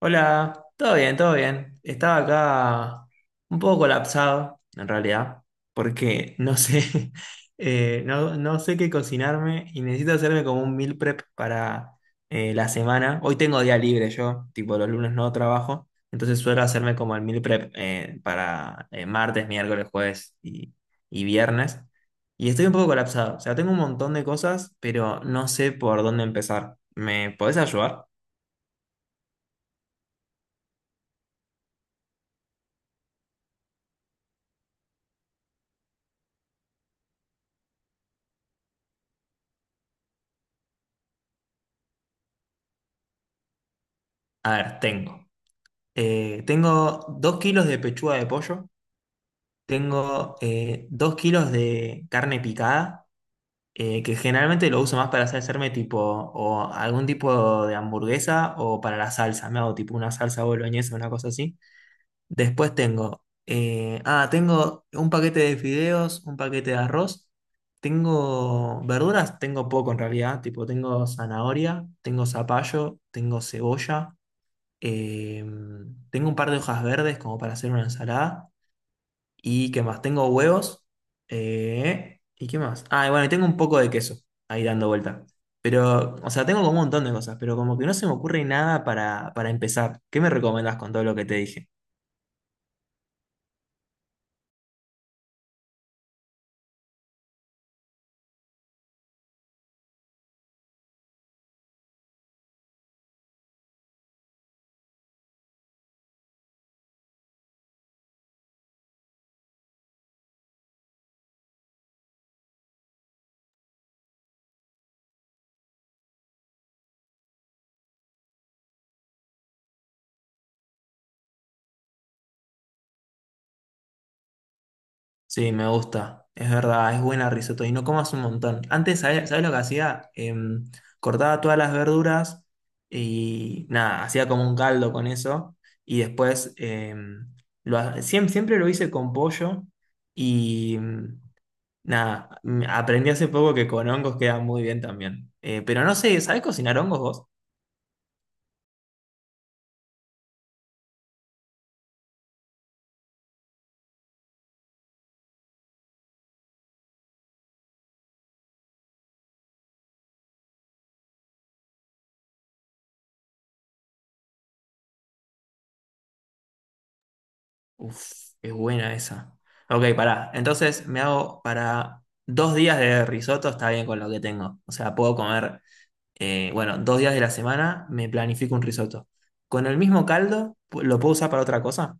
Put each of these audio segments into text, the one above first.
Hola, todo bien, todo bien. Estaba acá un poco colapsado, en realidad, porque no sé, no sé qué cocinarme y necesito hacerme como un meal prep para la semana. Hoy tengo día libre yo, tipo los lunes no trabajo, entonces suelo hacerme como el meal prep para martes, miércoles, jueves y viernes. Y estoy un poco colapsado, o sea, tengo un montón de cosas, pero no sé por dónde empezar. ¿Me podés ayudar? A ver, tengo. Tengo 2 kilos de pechuga de pollo, tengo 2 kilos de carne picada, que generalmente lo uso más para hacerme tipo o algún tipo de hamburguesa o para la salsa, me hago tipo una salsa boloñesa, una cosa así. Después tengo, tengo un paquete de fideos, un paquete de arroz, tengo verduras, tengo poco en realidad, tipo tengo zanahoria, tengo zapallo, tengo cebolla. Eh, Tengo un par de hojas verdes como para hacer una ensalada. ¿Y qué más? Tengo huevos. ¿Y qué más? Ah, y bueno, y tengo un poco de queso ahí dando vuelta. Pero, o sea, tengo como un montón de cosas, pero como que no se me ocurre nada para empezar. ¿Qué me recomendás con todo lo que te dije? Sí, me gusta. Es verdad, es buena risotto y no comas un montón. Antes, ¿sabes lo que hacía? Cortaba todas las verduras y nada, hacía como un caldo con eso. Y después, siempre lo hice con pollo y nada, aprendí hace poco que con hongos queda muy bien también. Pero no sé, ¿sabes cocinar hongos vos? Uf, es buena esa. Ok, pará. Entonces me hago para 2 días de risotto, está bien con lo que tengo. O sea, puedo comer. Bueno, 2 días de la semana me planifico un risotto. ¿Con el mismo lo puedo usar para otra cosa?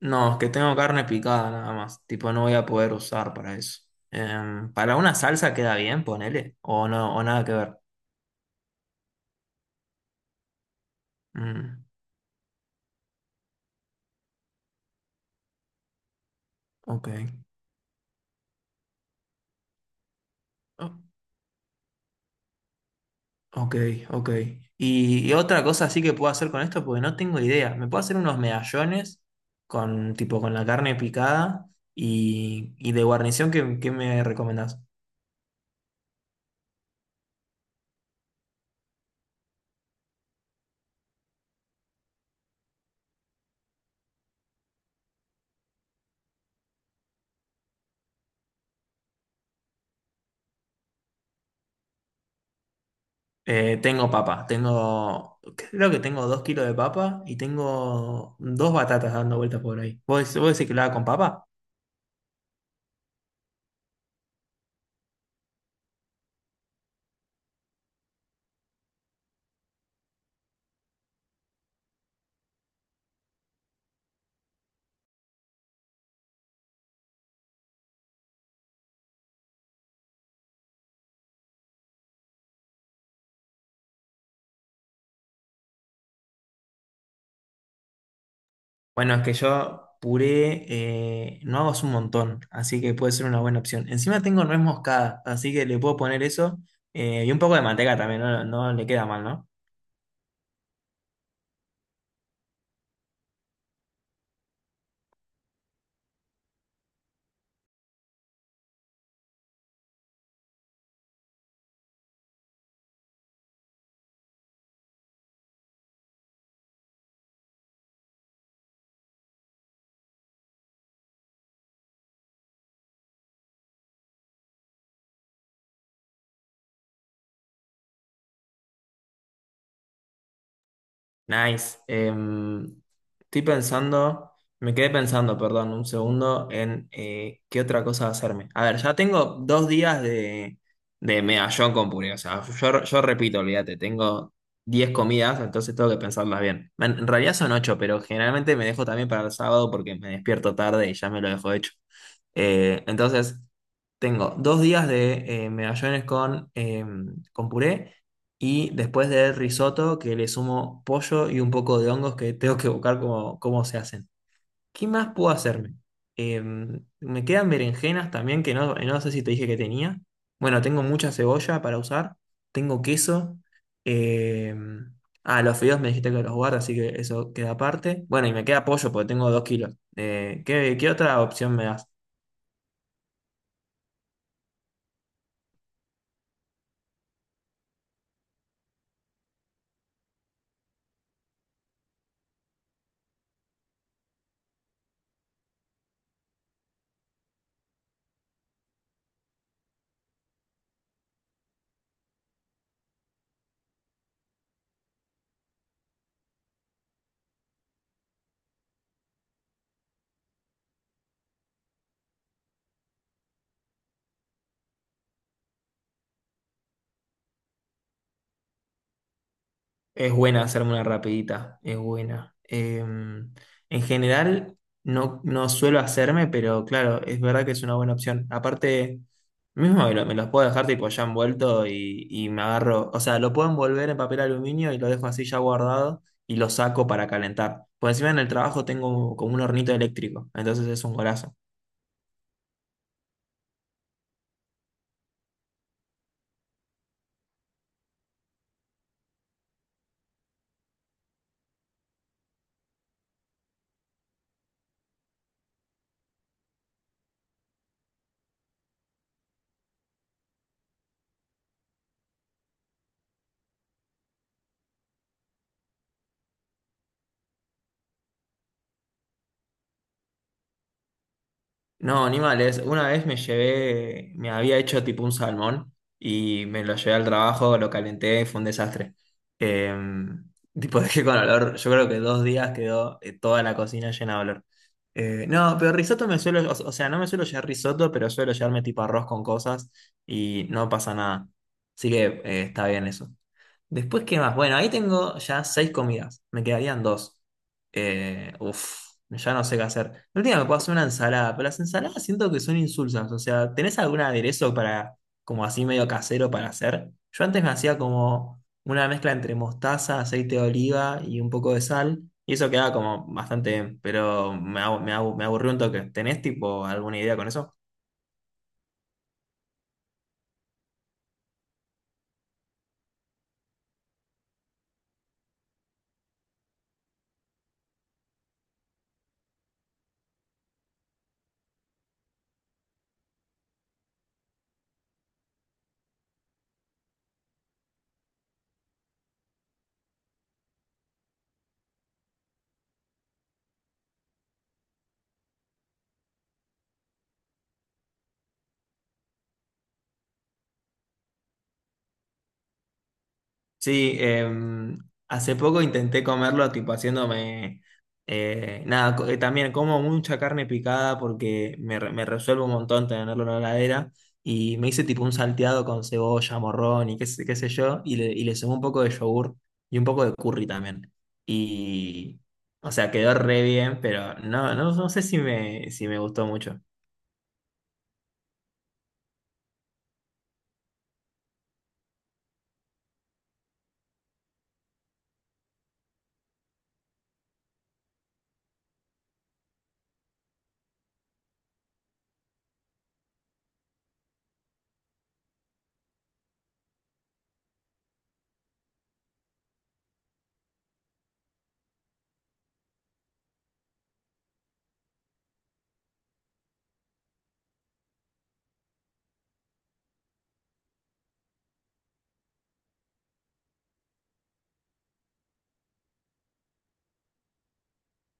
No, es que tengo carne picada nada más. Tipo, no voy a poder usar para eso. Em, para una salsa queda bien, ponele. O no, o nada que ver. Mm, ok. O- ok, ok. Y otra cosa así que puedo hacer con esto, porque no tengo idea. Me puedo hacer unos medallones con, tipo, con la carne picada y de guarnición, ¿qué me recomendás? Tengo papa, tengo, creo que tengo dos kilos de papa y tengo dos batatas dando vueltas por ahí. ¿Vos decís que lo haga con papa? Bueno, es que yo puré, no hago hace un montón, así que puede ser una buena opción. Encima tengo nuez moscada, así que le puedo poner eso y un poco de manteca también, no, no le queda mal, ¿no? Nice. Estoy pensando, me quedé pensando, perdón, un segundo, en qué otra cosa hacerme. A ver, ya tengo 2 días de medallón con puré. O sea, yo repito, olvídate, tengo 10 comidas, entonces tengo que pensarlas bien. En realidad son 8, pero generalmente me dejo también para el sábado porque me despierto tarde y ya me lo dejo hecho. Eh, entonces, Tengo dos días de medallones con puré. Y después de risotto, que le sumo pollo y un poco de hongos que tengo que buscar cómo se hacen. ¿Qué más puedo hacerme? Em, me quedan berenjenas también, que no sé si te dije que tenía. Bueno, tengo mucha cebolla para usar. Tengo queso. em, los fideos me dijiste que los guardas, así que eso queda aparte. Bueno, y me queda pollo porque tengo 2 kilos. Qué otra opción me das? Es buena hacerme una rapidita, es buena. En general, no suelo hacerme, pero claro, es verdad que es una buena opción. Aparte, me los puedo dejar tipo ya envuelto y me agarro. O sea, lo puedo envolver en papel aluminio y lo dejo así ya guardado y lo saco para calentar. Por encima en el trabajo tengo como un hornito eléctrico, entonces es un golazo. No, animales. Una vez me llevé, me había hecho tipo un salmón y me lo llevé al trabajo, lo calenté, fue un desastre. Eh, tipo, dejé con olor, yo creo que 2 días quedó toda la cocina llena de olor. No, pero risotto me suelo, o sea, no me suelo llevar risotto, pero suelo llevarme tipo arroz con cosas y no pasa nada. Así que está bien eso. Después, ¿qué más? Bueno, ahí tengo ya seis comidas, me quedarían dos. Uf, ya no sé qué hacer. La última me puedo hacer una ensalada, pero las ensaladas siento que son insulsas. O sea, ¿tenés algún aderezo como así medio casero para hacer? Yo antes me hacía como una mezcla entre mostaza, aceite de oliva y un poco de sal. Y eso quedaba como bastante bien, pero me aburrió un toque. ¿Tenés tipo alguna idea con eso? Sí, hace poco intenté comerlo, tipo haciéndome, nada, co- también como mucha carne picada porque me resuelve un montón tenerlo en la heladera y me hice tipo un salteado con cebolla, morrón y qué, qué sé yo y le sumé un poco de yogur y un poco de curry también. Y, o sea, quedó re bien, pero no sé si me gustó mucho.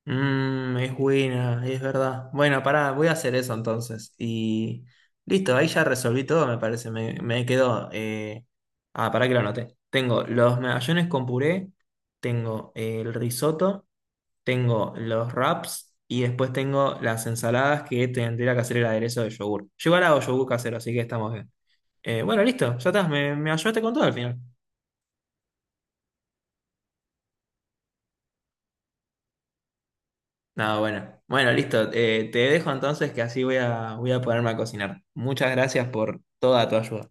Es buena, es verdad. Bueno, pará, voy a hacer eso entonces. Y listo, ahí ya resolví todo, me parece. Me quedó. Ah, pará que lo anoté. Tengo los medallones con puré, tengo el risotto, tengo los wraps y después tengo las ensaladas que tendría que hacer el aderezo de yogur. Yo igual hago yogur casero, así que estamos bien. Bueno, listo, ya estás, me ayudaste con todo al final. No, bueno. Bueno, listo. Te dejo entonces que así voy voy a ponerme a cocinar. Muchas gracias por toda tu ayuda.